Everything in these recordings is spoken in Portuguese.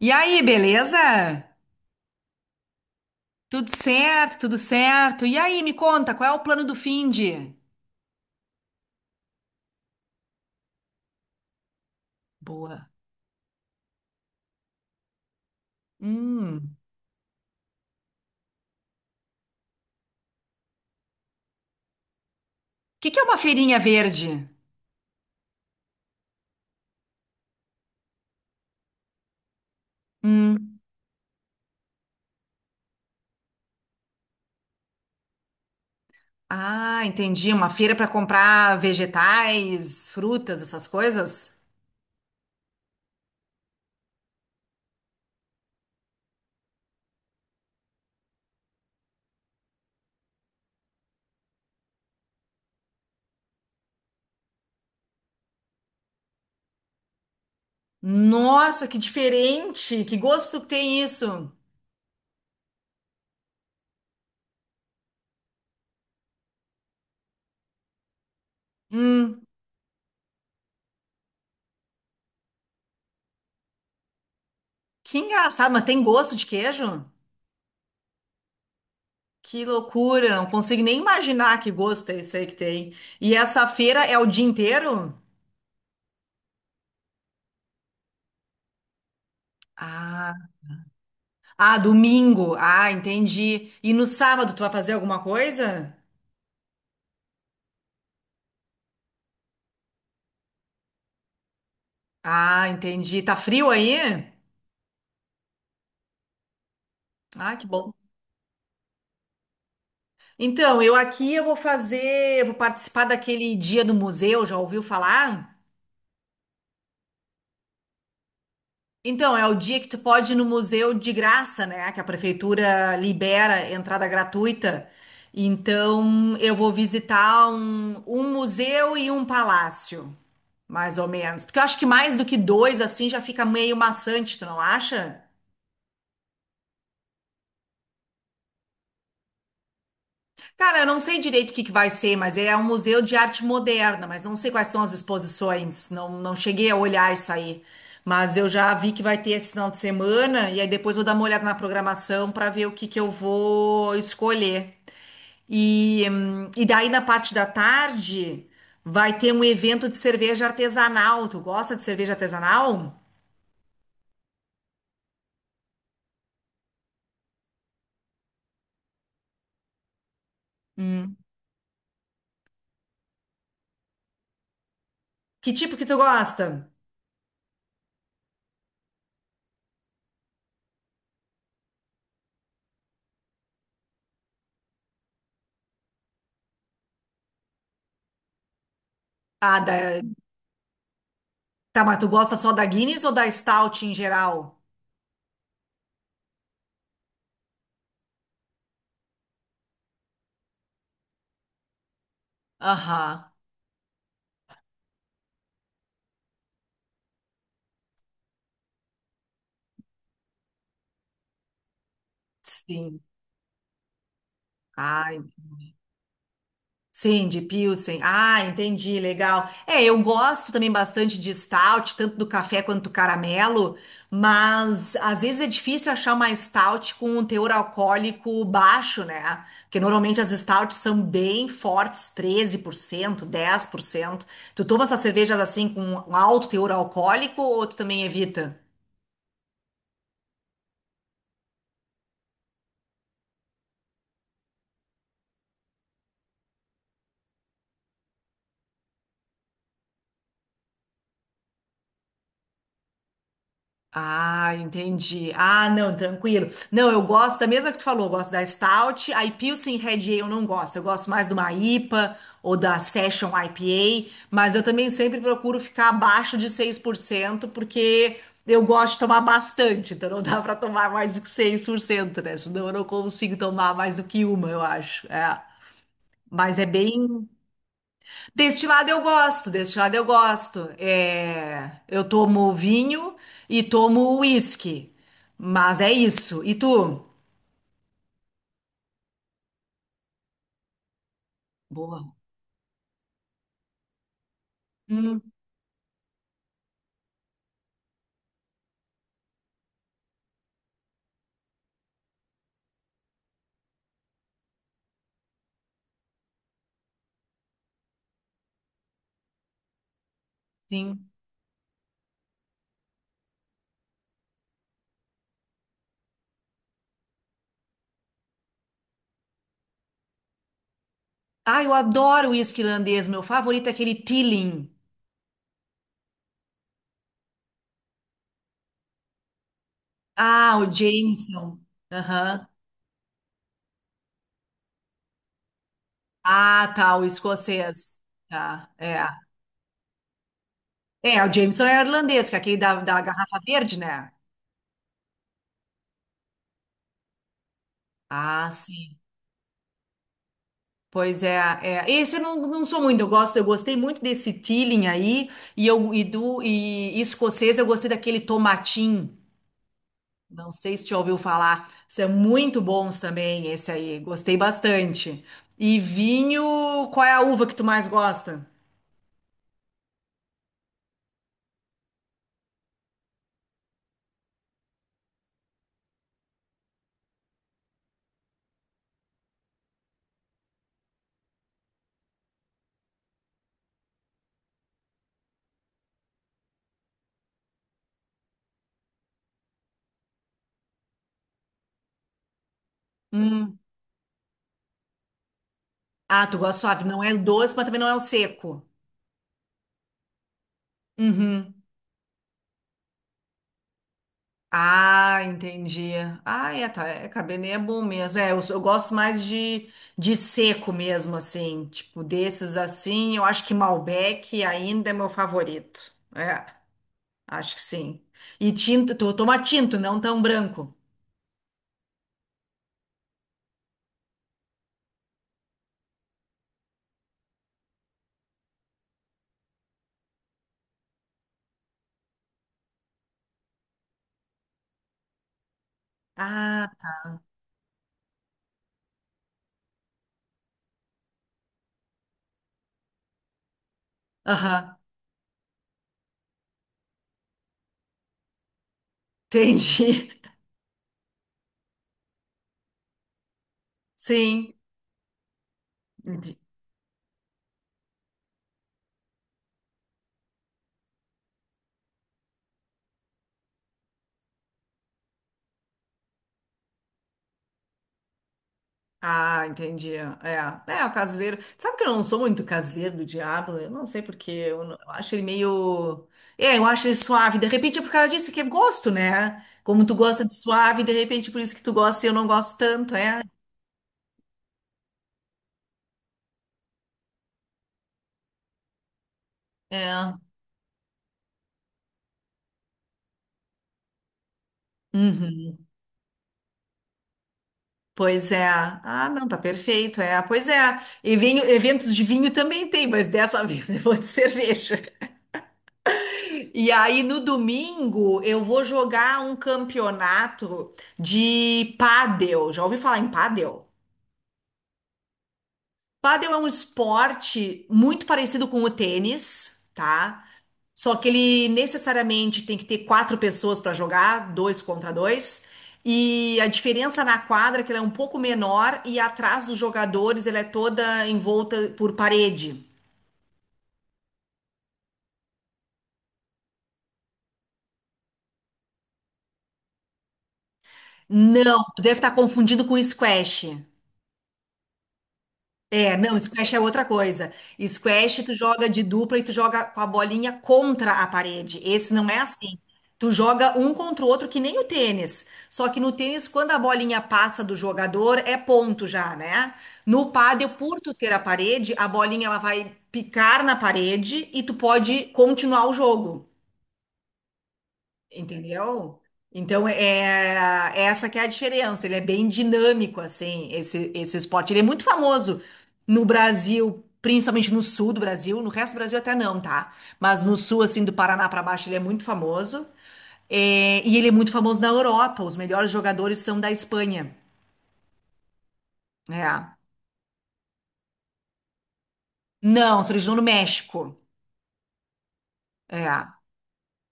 E aí, beleza? Tudo certo, tudo certo. E aí, me conta, qual é o plano do finde? Boa. Hum. O que que é uma feirinha verde? Hum. Ah, entendi. Uma feira para comprar vegetais, frutas, essas coisas? Nossa, que diferente! Que gosto que tem isso! Hum. Que engraçado, mas tem gosto de queijo? Que loucura! Não consigo nem imaginar que gosto é esse aí que tem. E essa feira é o dia inteiro? Ah. Ah, domingo. Ah, entendi. E no sábado tu vai fazer alguma coisa? Ah, entendi. Tá frio aí? Ah, que bom. Então, eu aqui eu vou participar daquele dia do museu, já ouviu falar? Então, é o dia que tu pode ir no museu de graça, né? Que a prefeitura libera entrada gratuita. Então, eu vou visitar um museu e um palácio, mais ou menos. Porque eu acho que mais do que dois, assim, já fica meio maçante, tu não acha? Cara, eu não sei direito o que que vai ser, mas é um museu de arte moderna, mas não sei quais são as exposições, não, não cheguei a olhar isso aí. Mas eu já vi que vai ter esse final de semana, e aí depois vou dar uma olhada na programação para ver o que que eu vou escolher. E daí na parte da tarde vai ter um evento de cerveja artesanal. Tu gosta de cerveja artesanal? Hum. Que tipo que tu gosta? Ah, da... Tá, mas tu gosta só da Guinness ou da Stout em geral? Aham. Sim. Ai, sim, de Pilsen. Ah, entendi, legal. É, eu gosto também bastante de stout, tanto do café quanto do caramelo, mas às vezes é difícil achar uma stout com um teor alcoólico baixo, né? Porque normalmente as stouts são bem fortes, 13%, 10%. Tu toma essas cervejas assim com um alto teor alcoólico ou tu também evita? Ah, entendi. Ah, não, tranquilo. Não, eu gosto da mesma que tu falou, eu gosto da Stout. A Pilsen Red Ale eu não gosto. Eu gosto mais de uma IPA ou da Session IPA, mas eu também sempre procuro ficar abaixo de 6%, porque eu gosto de tomar bastante, então não dá pra tomar mais do que 6%, né? Senão eu não consigo tomar mais do que uma, eu acho. É. Mas é bem. Deste lado eu gosto, deste lado eu gosto. É, eu tomo vinho e tomo uísque. Mas é isso. E tu? Boa. Hum, sim. Ah, eu adoro uísque irlandês. Meu favorito é aquele Teeling. Ah, o Jameson. Aham. Ah, tá, o escocês. Tá, é. É, o Jameson é irlandês, que é aquele da garrafa verde, né? Ah, sim. Pois é, é. Esse eu não, não sou muito, eu gosto, eu gostei muito desse Teeling aí, e eu e do e escocês eu gostei daquele tomatim. Não sei se te ouviu falar, são muito bons também esse aí, gostei bastante. E vinho, qual é a uva que tu mais gosta? Hum. Ah, tu gosta suave, não é doce, mas também não é o seco. Uhum. Ah, entendi. Ah, é, tá. É, cabernet é bom mesmo. É, eu gosto mais de seco mesmo, assim. Tipo, desses assim, eu acho que Malbec ainda é meu favorito. É, acho que sim. E tinto, tu toma tinto, não tão branco. Ah, aham, entendi. Sim. Ah, entendi. É, é o caseiro. Sabe que eu não sou muito caseiro do diabo? Eu não sei porque eu, não- eu acho ele meio. É, eu acho ele suave. De repente é por causa disso que é gosto, né? Como tu gosta de suave, de repente por isso que tu gosta e eu não gosto tanto, é? É. Uhum. Pois é. Ah, não, tá perfeito, é. Pois é. E vinho, eventos de vinho também tem, mas dessa vez eu vou de cerveja. E aí no domingo eu vou jogar um campeonato de pádel. Já ouvi falar em pádel? Pádel é um esporte muito parecido com o tênis, tá? Só que ele necessariamente tem que ter quatro pessoas para jogar, dois contra dois. E a diferença na quadra é que ela é um pouco menor e atrás dos jogadores ela é toda envolta por parede. Não, tu deve estar confundido com squash. É, não, squash é outra coisa. Squash tu joga de dupla e tu joga com a bolinha contra a parede. Esse não é assim. Tu joga um contra o outro que nem o tênis. Só que no tênis, quando a bolinha passa do jogador, é ponto já, né? No pádel, por tu ter a parede, a bolinha ela vai picar na parede e tu pode continuar o jogo. Entendeu? Então, é essa que é a diferença. Ele é bem dinâmico, assim, esse esporte. Ele é muito famoso no Brasil, principalmente no sul do Brasil. No resto do Brasil até não, tá? Mas no sul, assim, do Paraná pra baixo, ele é muito famoso. É, e ele é muito famoso na Europa. Os melhores jogadores são da Espanha. É. Não, se originou no México. É.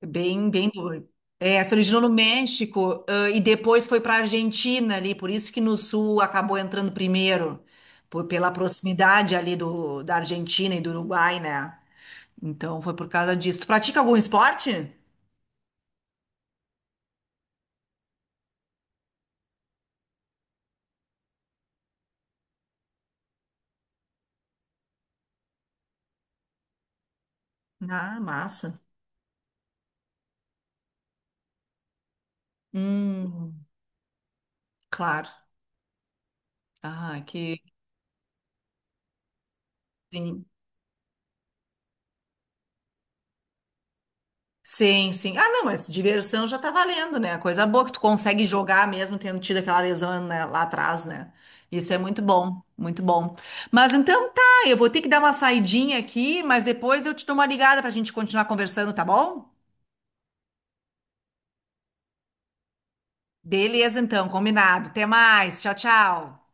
Bem, bem doido. É, se originou no México, e depois foi para a Argentina ali, por isso que no sul acabou entrando primeiro, pela proximidade ali da Argentina e do Uruguai, né? Então foi por causa disso. Tu pratica algum esporte? Ah, massa. Hum, claro. Ah, que sim. Sim, sim. Ah, não, mas diversão já tá valendo, né? Coisa boa é que tu consegue jogar mesmo tendo tido aquela lesão, né, lá atrás, né? Isso é muito bom, muito bom. Mas então tá, eu vou ter que dar uma saidinha aqui, mas depois eu te dou uma ligada pra gente continuar conversando, tá bom? Beleza, então, combinado. Até mais. Tchau, tchau.